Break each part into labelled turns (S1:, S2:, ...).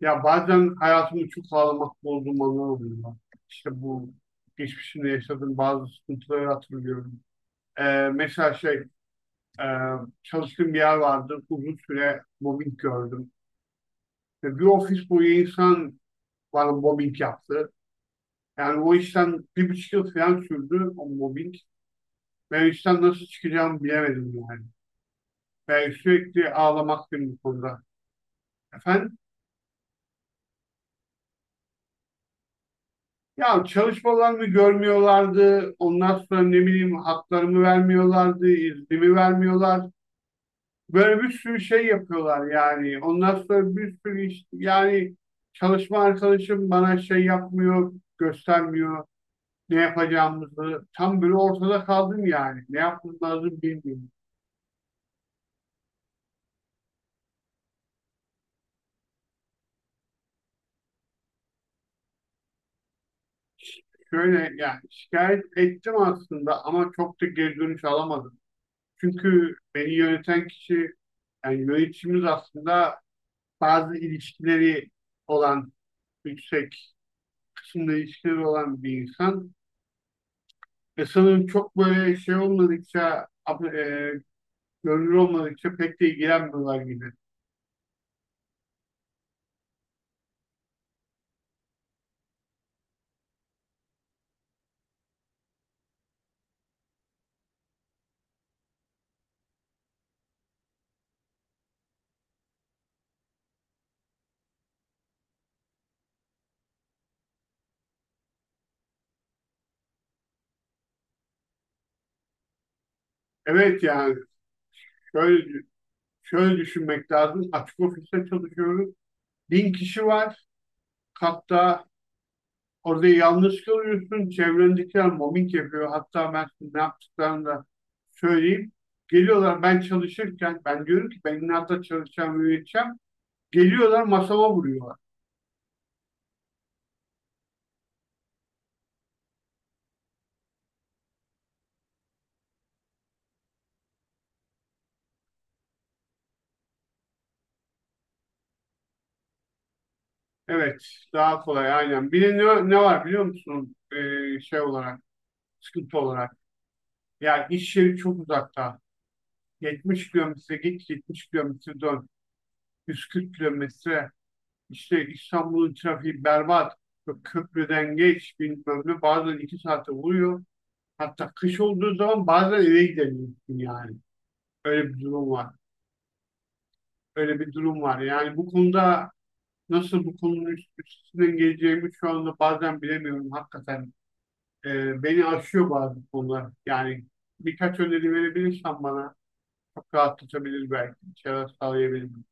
S1: Ya bazen hayatımı çok ağlamak bozduğum anlar oluyor. Lan. İşte bu geçmişimde yaşadığım bazı sıkıntıları hatırlıyorum. Mesela e, çalıştığım bir yer vardı. Uzun süre mobbing gördüm. Ve bir ofis boyu insan bana mobbing yaptı. Yani o işten bir buçuk yıl falan sürdü o mobbing. Ben o işten nasıl çıkacağımı bilemedim yani. Ve sürekli ağlamaktım bu konuda. Efendim? Ya çalışmalarımı görmüyorlardı. Ondan sonra ne bileyim haklarımı vermiyorlardı, iznimi vermiyorlar. Böyle bir sürü şey yapıyorlar yani. Ondan sonra bir sürü iş yani çalışma arkadaşım bana şey yapmıyor, göstermiyor ne yapacağımızı. Tam böyle ortada kaldım yani. Ne yapmam lazım bilmiyorum. Şöyle yani şikayet ettim aslında ama çok da geri dönüş alamadım. Çünkü beni yöneten kişi yani yöneticimiz aslında bazı ilişkileri olan yüksek kısımda ilişkileri olan bir insan. Ve sanırım çok böyle şey olmadıkça görünür olmadıkça pek de ilgilenmiyorlar gibi. Evet yani şöyle, şöyle düşünmek lazım. Açık ofiste çalışıyoruz. Bin kişi var. Hatta orada yalnız kalıyorsun. Çevrendekiler mobbing yapıyor. Hatta ben size ne yaptıklarını da söyleyeyim. Geliyorlar ben çalışırken ben diyorum ki ben inatla çalışacağım, üreteceğim. Geliyorlar masama vuruyorlar. Evet, daha kolay aynen. Bir de ne var biliyor musun? Şey olarak, sıkıntı olarak. Yani iş yeri çok uzakta. 70 kilometre git, 70 kilometre dön. 140 kilometre. İşte İstanbul'un trafiği berbat. Böyle Köprüden geç, bilmem ne. Bazen iki saate vuruyor. Hatta kış olduğu zaman bazen eve gidemiyorsun yani. Öyle bir durum var. Öyle bir durum var. Yani bu konuda nasıl bu konunun üstesinden geleceğimi şu anda bazen bilemiyorum hakikaten. Beni aşıyor bazı konular. Yani birkaç öneri verebilirsen bana çok rahatlatabilir belki. Bir şeyler sağlayabilirim.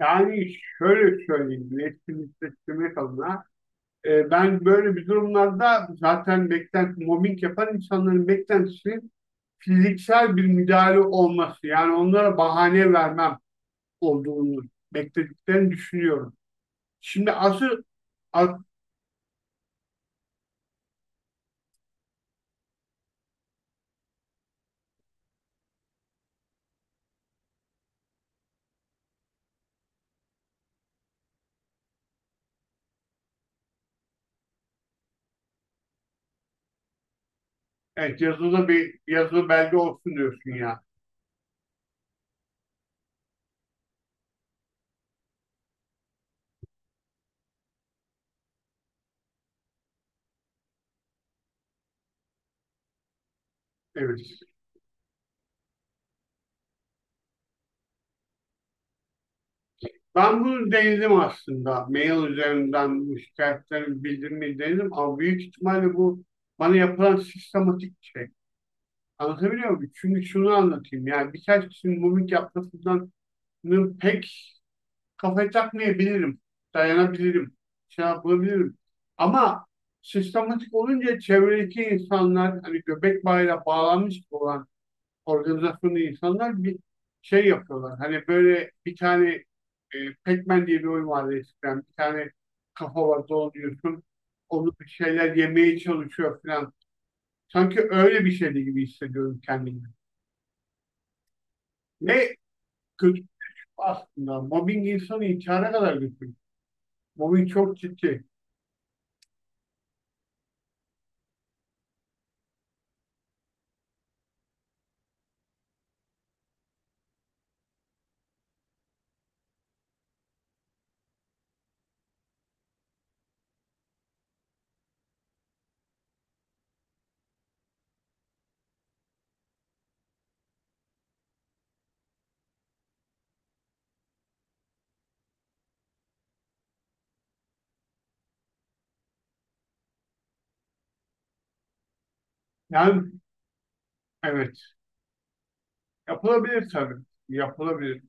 S1: Yani şöyle söyleyeyim, iletişim hissettirmek adına. Ben böyle bir durumlarda zaten mobbing yapan insanların beklentisi fiziksel bir müdahale olması. Yani onlara bahane vermem olduğunu beklediklerini düşünüyorum. Şimdi asıl as, evet yazılı bir yazılı belge olsun diyorsun ya. Evet. Ben bunu denedim aslında. Mail üzerinden bu şikayetlerimi bildirmeyi denedim ama büyük ihtimalle bu bana yapılan sistematik bir şey. Anlatabiliyor muyum? Çünkü şunu anlatayım. Yani birkaç kişinin mimik yapmasından pek kafayı takmayabilirim. Dayanabilirim. Şey yapabilirim. Ama sistematik olunca çevredeki insanlar hani göbek bağıyla bağlanmış olan organizasyonda insanlar bir şey yapıyorlar. Hani böyle bir tane Pac-Man diye bir oyun vardı eskiden. Bir tane kafa var dolanıyorsun. Onu bir şeyler yemeye çalışıyor falan. Sanki öyle bir şeydi gibi hissediyorum kendimi. Ne kötü aslında. Mobbing insanı intihara kadar götürür. Mobbing çok ciddi. Yani evet. Yapılabilir tabii. Yapılabilir.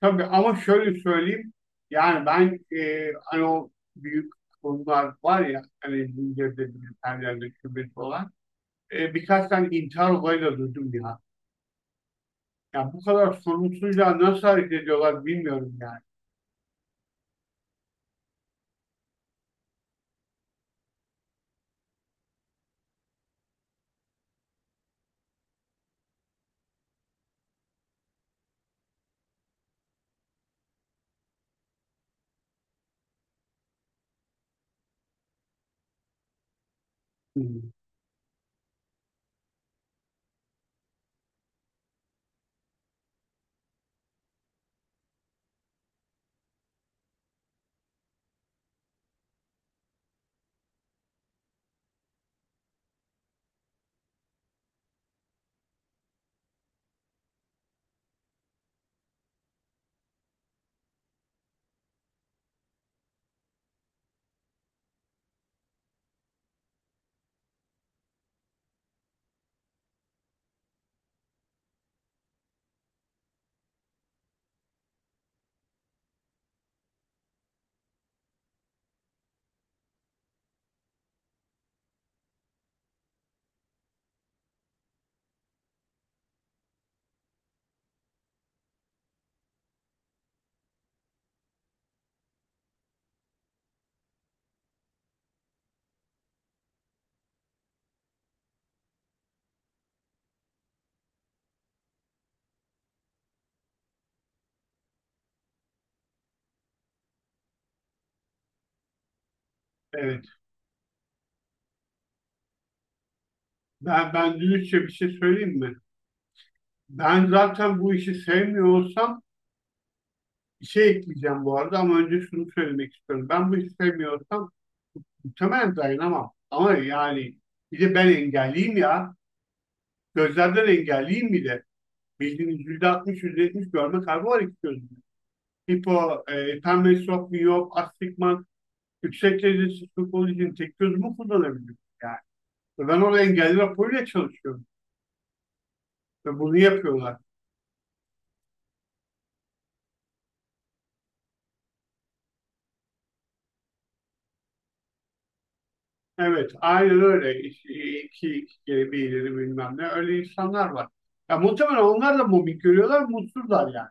S1: Tabii ama şöyle söyleyeyim. Yani ben hani o büyük kurumlar var ya hani zincirde bilgisayarlarda şubesi olan birkaç tane intihar olayı da duydum ya. Ya bu kadar sorumsuzca nasıl hareket ediyorlar bilmiyorum yani. Hı. Evet. Ben dürüstçe bir şey söyleyeyim mi? Ben zaten bu işi sevmiyor olsam bir şey ekleyeceğim bu arada ama önce şunu söylemek istiyorum. Ben bu işi sevmiyorsam muhtemelen dayanamam. Ama yani bir de ben engelliyim ya. Gözlerden engelliyim bir de. Bildiğiniz %60, %70 görme kaybı var iki gözümde. Pembe sok, miyop, astigmat, yüksek derecesi sırf olduğu için tek gözümü kullanabiliyorum yani. Ben orada engelli raporuyla çalışıyorum. Ve bunu yapıyorlar. Evet, aynen öyle. İki kere bir ileri bilmem ne. Öyle insanlar var. Ya muhtemelen onlar da mobbing görüyorlar, mutsuzlar yani.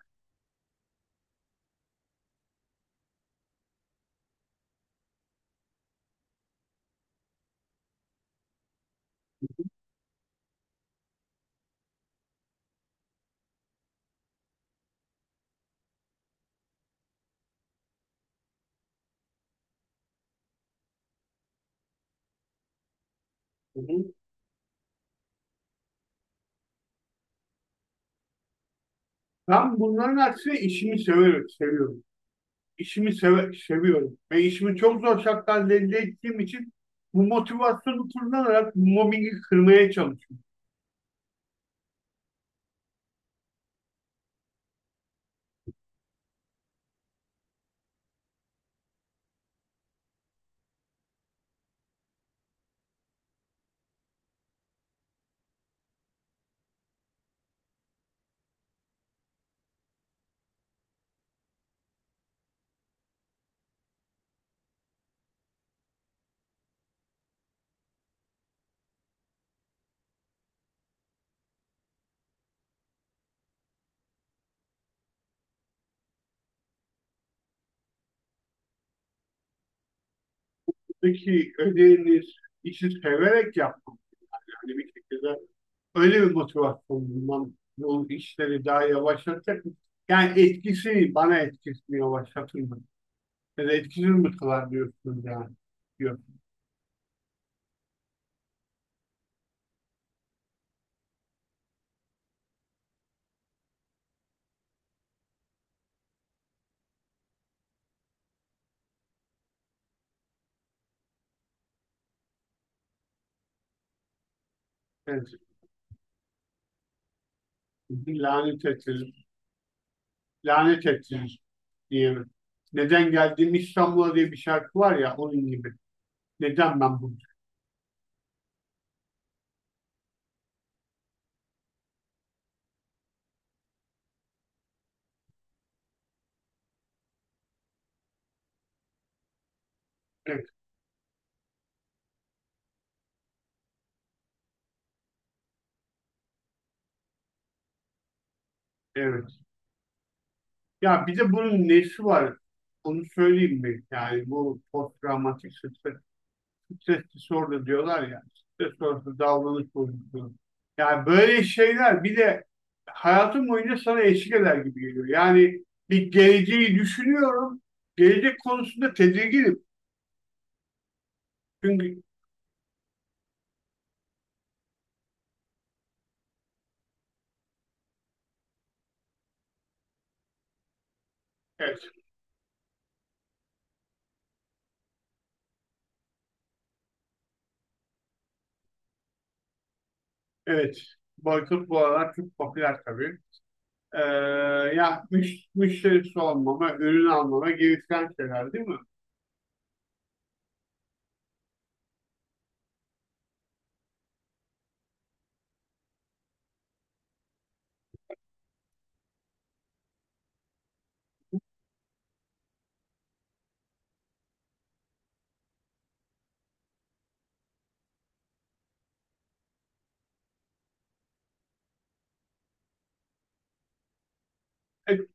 S1: Ben bunların aksine işimi seviyorum, seviyorum. İşimi seviyorum ve işimi çok zor şartlarda elde ettiğim için bu motivasyonu kullanarak mobbingi kırmaya çalışıyorum. Buradaki ödeviniz işi severek yaptım. Yani bir şekilde öyle bir motivasyon bulmam bu işleri daha yavaşlatacak mı? Yani etkisi bana etkisini yavaşlatır mı? Ya da etkisiz mi kılar diyorsunuz yani. Yok. Evet. Lanet ettiniz. Lanet ettiniz diyelim. Neden geldim İstanbul'a diye bir şarkı var ya onun gibi. Neden ben bunu? Evet, evet. Ya bir de bunun nesi var? Onu söyleyeyim mi? Yani bu stres disorder diyorlar ya. Stres sonrası davranış bozukluğu. Yani böyle şeyler bir de hayatım boyunca sana eşlik eder gibi geliyor. Yani bir geleceği düşünüyorum. Gelecek konusunda tedirginim. Çünkü evet, evet. Boykot bu aralar çok popüler tabii. Ee, ya müşterisi olmama, ürün almama gereken şeyler değil mi? E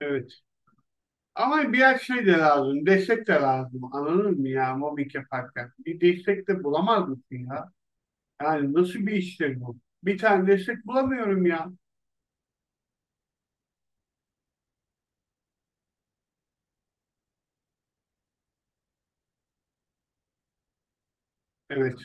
S1: Evet. Ama biraz şey de lazım. Destek de lazım. Anladın mı ya mobbing yaparken? Bir destek de bulamaz mısın ya? Yani nasıl bir iştir bu? Bir tane destek bulamıyorum ya. Evet.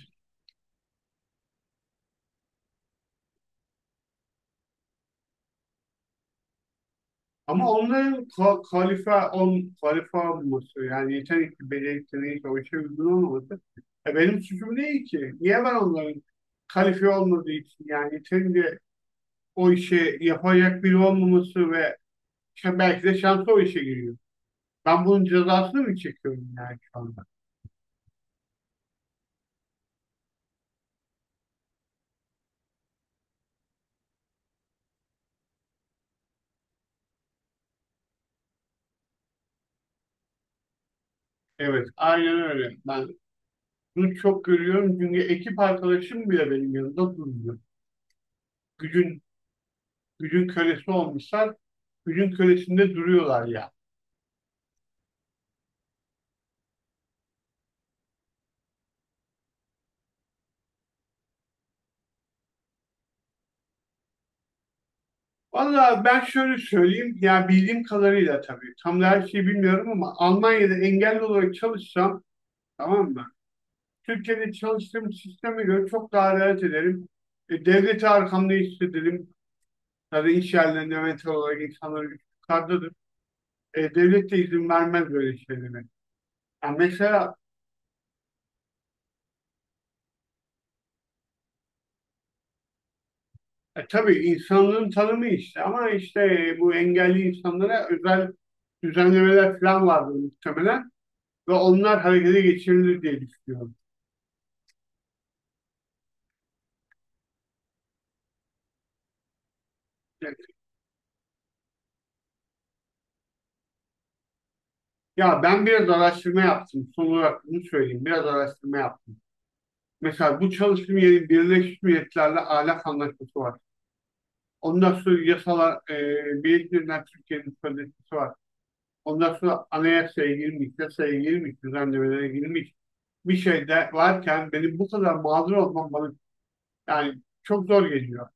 S1: Ama onların kalife, kalife olması yani yetenekli, becerikli neyse o işe uygun olmaması. E benim suçum değil ki. Niye ben onların kalifiye olmadığı için yani yeterince o işe yapacak biri olmaması ve işte belki de şansı o işe giriyor. Ben bunun cezasını mı çekiyorum yani şu anda? Evet, aynen öyle. Ben bunu çok görüyorum çünkü ekip arkadaşım bile benim yanımda durmuyor. Gücün, gücün kölesi olmuşlar, gücün kölesinde duruyorlar ya. Valla ben şöyle söyleyeyim, ya bildiğim kadarıyla tabii, tam da her şeyi bilmiyorum ama Almanya'da engelli olarak çalışsam, tamam mı? Türkiye'de çalıştığım sisteme göre çok daha rahat ederim. Devleti arkamda hissederim. Tabii iş yerlerinde mental olarak insanları yukarıdadır. Devlet de izin vermez böyle şeylere. Ya mesela tabii insanlığın tanımı işte ama işte bu engelli insanlara özel düzenlemeler falan vardı muhtemelen ve onlar harekete geçirilir diye düşünüyorum. E, Ya ben biraz araştırma yaptım. Son olarak bunu söyleyeyim. Biraz araştırma yaptım. Mesela bu çalıştığım yerin Birleşmiş Milletler'le ahlak anlaşması var. Ondan sonra yasalar, Birleşmiş Türkiye'nin sözleşmesi var. Ondan sonra anayasaya girmiş, yasaya girmiş, düzenlemelere girmiş bir şey de varken benim bu kadar mağdur olmam bana. Yani çok zor geliyor.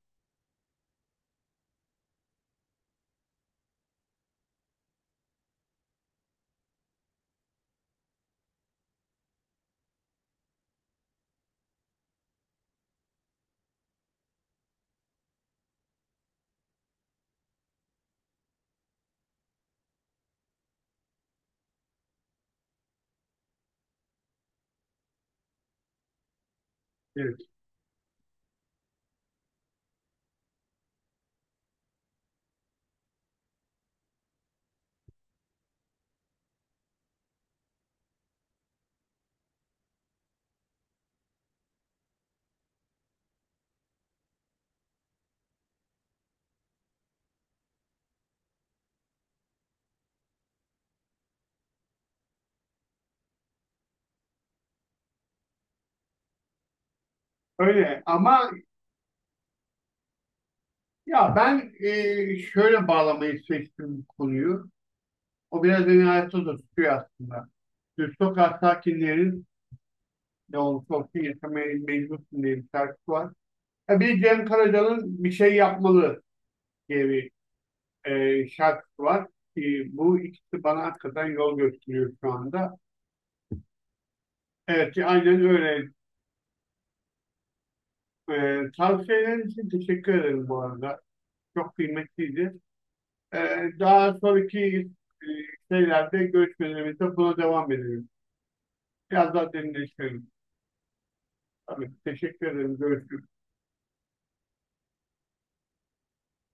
S1: Evet. Öyle ama ya ben şöyle bağlamayı seçtim konuyu. O biraz beni hayatta da tutuyor aslında. Düz sokak sakinlerin ne olursa olsun yaşamaya mecbursun diye bir şarkısı var. Ya bir Cem Karaca'nın bir şey yapmalı diye bir şarkısı var. E, bu ikisi bana hakikaten yol gösteriyor şu anda. Evet aynen öyle. Tavsiyeleriniz için teşekkür ederim bu arada. Çok kıymetliydi. Daha sonraki e, şeylerde görüşmelerimizde buna devam edelim. Biraz daha derinleştirelim. Tabii, teşekkür ederim. Görüşürüz.